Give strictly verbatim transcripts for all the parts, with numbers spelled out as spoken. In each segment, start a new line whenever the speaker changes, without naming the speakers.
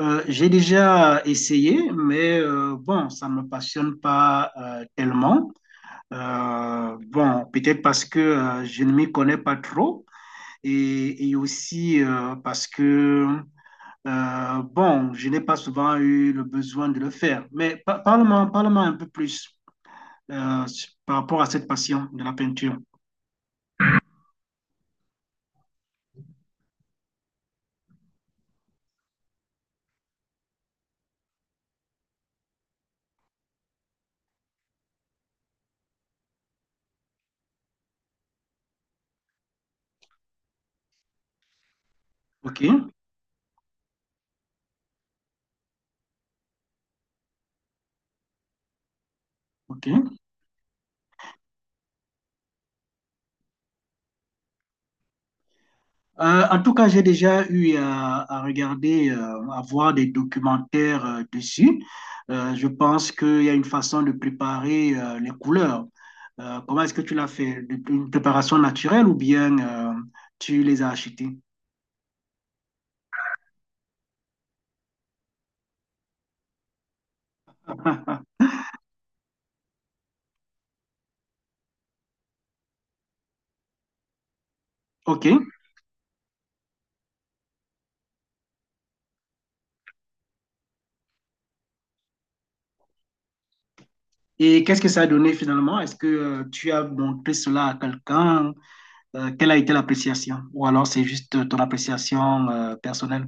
Euh, j'ai déjà essayé, mais euh, bon, ça ne me passionne pas euh, tellement. Euh, bon, peut-être parce que euh, je ne m'y connais pas trop et, et aussi euh, parce que, euh, bon, je n'ai pas souvent eu le besoin de le faire. Mais par- parle-moi, parle-moi un peu plus euh, par rapport à cette passion de la peinture. OK? OK. Euh, en tout cas, j'ai déjà eu à, à regarder, euh, à voir des documentaires euh, dessus. Euh, je pense qu'il y a une façon de préparer euh, les couleurs. Euh, comment est-ce que tu l'as fait? Une préparation naturelle ou bien euh, tu les as achetées? OK. Et qu'est-ce que ça a donné finalement? Est-ce que euh, tu as montré cela à quelqu'un? Euh, quelle a été l'appréciation? Ou alors c'est juste ton appréciation euh, personnelle?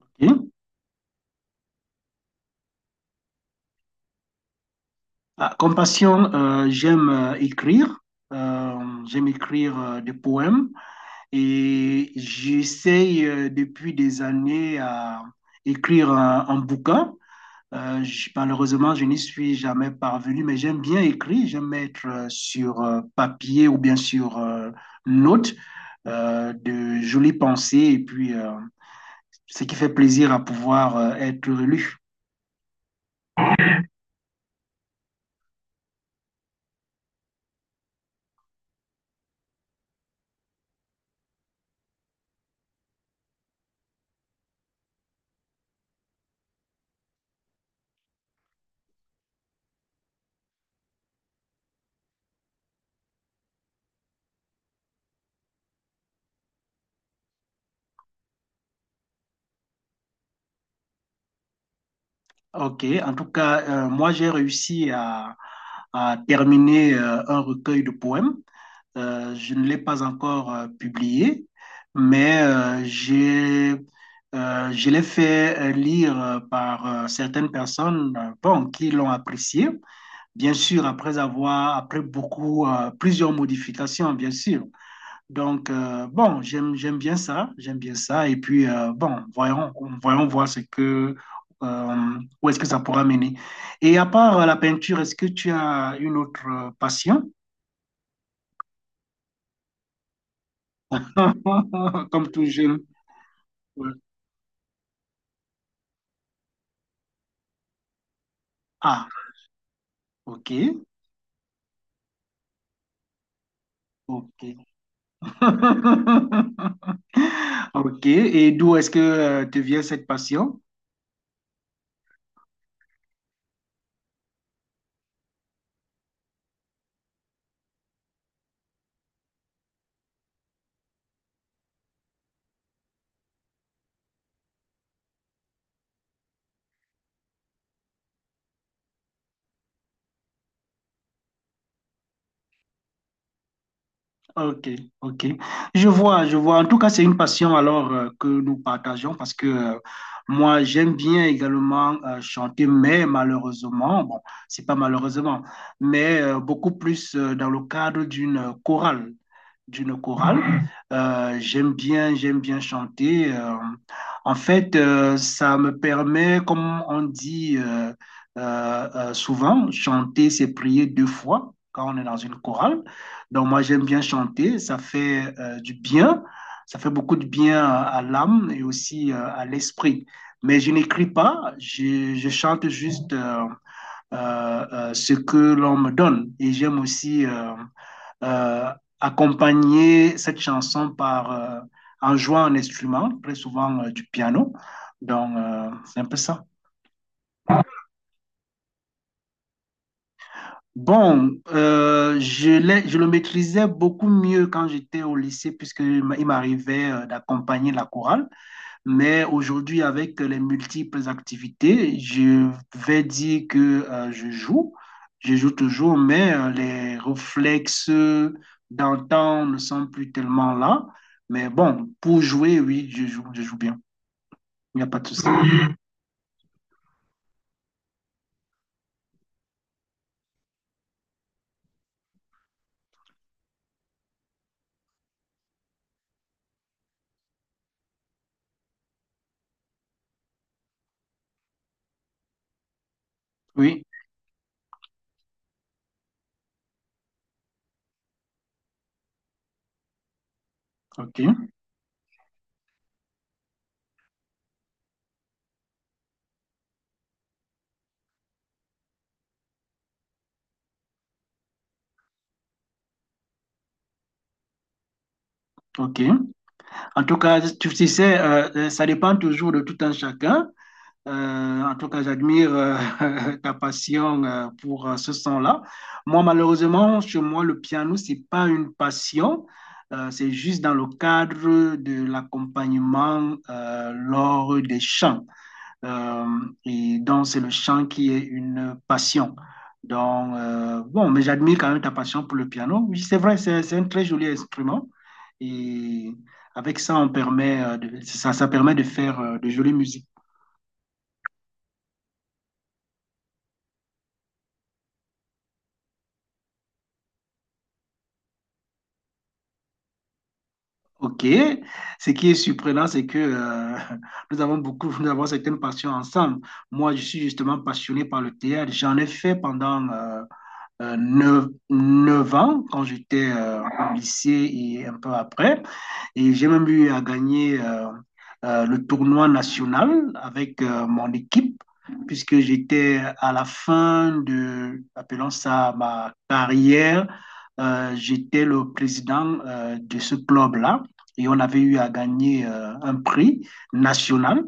OK. Ah, comme passion, euh, j'aime euh, écrire. Euh, J'aime écrire euh, des poèmes et j'essaye euh, depuis des années à écrire un, un bouquin. Euh, je- malheureusement, je n'y suis jamais parvenu, mais j'aime bien écrire. J'aime mettre euh, sur euh, papier ou bien sur euh, note euh, de jolies pensées et puis euh, ce qui fait plaisir à pouvoir euh, être lu. Ok, en tout cas, euh, moi j'ai réussi à, à terminer euh, un recueil de poèmes. Euh, je ne l'ai pas encore euh, publié, mais euh, j'ai, euh, je l'ai fait euh, lire euh, par euh, certaines personnes euh, bon, qui l'ont apprécié. Bien sûr, après avoir, après beaucoup, euh, plusieurs modifications, bien sûr. Donc, euh, bon, j'aime, j'aime bien ça, j'aime bien ça. Et puis, euh, bon, voyons, voyons voir ce que, euh, où est-ce que ça pourra mener. Et à part euh, la peinture, est-ce que tu as une autre euh, passion? Comme tout jeune. Ouais. Ah, ok, ok. Ok, et d'où est-ce que euh, te vient cette passion? Ok, ok. Je vois, je vois. En tout cas, c'est une passion alors euh, que nous partageons parce que euh, moi, j'aime bien également euh, chanter, mais malheureusement, bon, c'est pas malheureusement, mais euh, beaucoup plus euh, dans le cadre d'une chorale, d'une chorale. Euh, j'aime bien, j'aime bien chanter. euh. En fait, euh, ça me permet, comme on dit euh, euh, euh, souvent, chanter, c'est prier deux fois quand on est dans une chorale. Donc moi j'aime bien chanter, ça fait euh, du bien, ça fait beaucoup de bien à l'âme et aussi euh, à l'esprit. Mais je n'écris pas, je, je chante juste euh, euh, euh, ce que l'on me donne. Et j'aime aussi euh, euh, accompagner cette chanson par, euh, en jouant un instrument, très souvent euh, du piano. Donc euh, c'est un peu ça. Bon, euh, je l'ai- je le maîtrisais beaucoup mieux quand j'étais au lycée, puisque il m'a- il m'arrivait euh, d'accompagner la chorale. Mais aujourd'hui, avec les multiples activités, je vais dire que euh, je joue. Je joue toujours, mais euh, les réflexes d'antan ne sont plus tellement là. Mais bon, pour jouer, oui, je joue, je joue bien. Il n'y a pas de souci. Oui, ok, ok. En tout cas, tu sais, euh, euh, ça dépend toujours de tout un chacun. Euh, En tout cas, j'admire euh, ta passion euh, pour euh, ce son-là. Moi, malheureusement, chez moi, le piano, c'est pas une passion. Euh, c'est juste dans le cadre de l'accompagnement euh, lors des chants. Euh, et donc, c'est le chant qui est une passion. Donc, euh, bon, mais j'admire quand même ta passion pour le piano. Oui, c'est vrai, c'est c'est un très joli instrument. Et avec ça, on permet, euh, de, ça, ça permet de faire euh, de jolies musiques. Ok, ce qui est surprenant, c'est que euh, nous avons beaucoup, nous avons certaines passions ensemble. Moi, je suis justement passionné par le théâtre. J'en ai fait pendant euh, euh, neuf 9 ans quand j'étais euh, au lycée et un peu après. Et j'ai même eu à gagner euh, euh, le tournoi national avec euh, mon équipe, puisque j'étais à la fin de, appelons ça ma carrière, euh, j'étais le président euh, de ce club-là. Et on avait eu à gagner euh, un prix national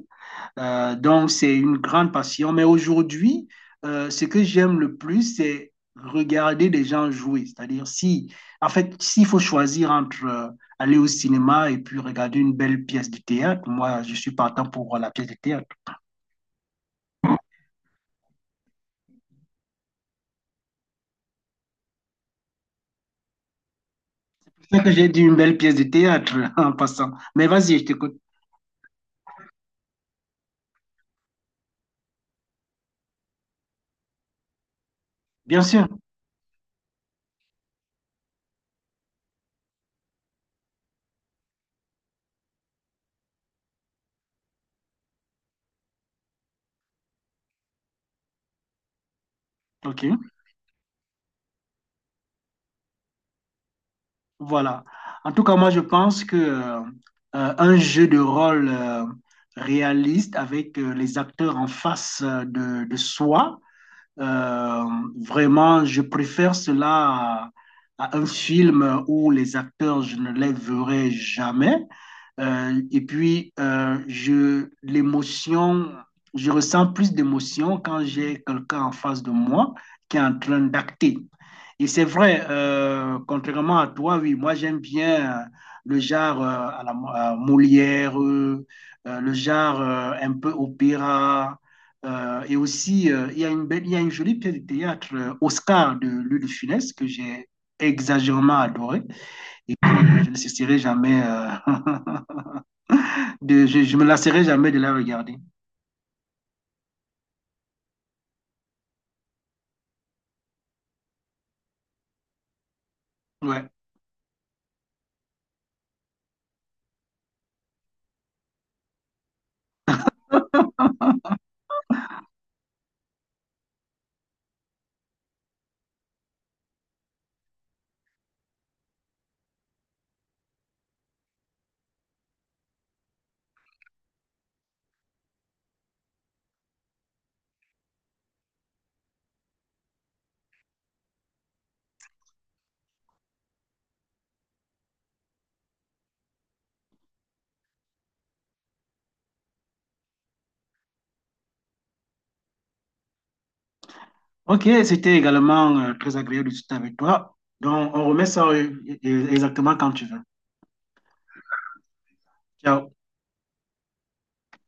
euh, donc, c'est une grande passion. Mais aujourd'hui, euh, ce que j'aime le plus, c'est regarder des gens jouer. C'est-à-dire, si, en fait, s'il faut choisir entre euh, aller au cinéma et puis regarder une belle pièce de théâtre, moi, je suis partant pour euh, la pièce de théâtre. C'est ça que j'ai dit une belle pièce de théâtre en passant. Mais vas-y, je t'écoute. Bien sûr. OK. Voilà. En tout cas, moi, je pense que euh, euh, un jeu de rôle euh, réaliste avec euh, les acteurs en face euh, de, de soi, Euh, vraiment, je préfère cela à, à un film où les acteurs, je ne les verrai jamais. Euh, et puis, euh, je, l'émotion, je ressens plus d'émotion quand j'ai quelqu'un en face de moi qui est en train d'acter. Et c'est vrai, euh, contrairement à toi, oui, moi j'aime bien euh, le genre euh, à la Mo- à Molière, euh, euh, le genre euh, un peu opéra. Euh, et aussi, euh, il y a une belle, il y a une jolie pièce de théâtre, euh, Oscar de Louis de Funès, que j'ai exagérément adorée. Et puis, je ne cesserai jamais, euh, de, je, je me lasserai jamais de la regarder. Ouais. Ok, c'était également euh, très agréable de discuter avec toi. Donc, on remet ça euh, e-, e-, exactement quand tu veux. Ciao.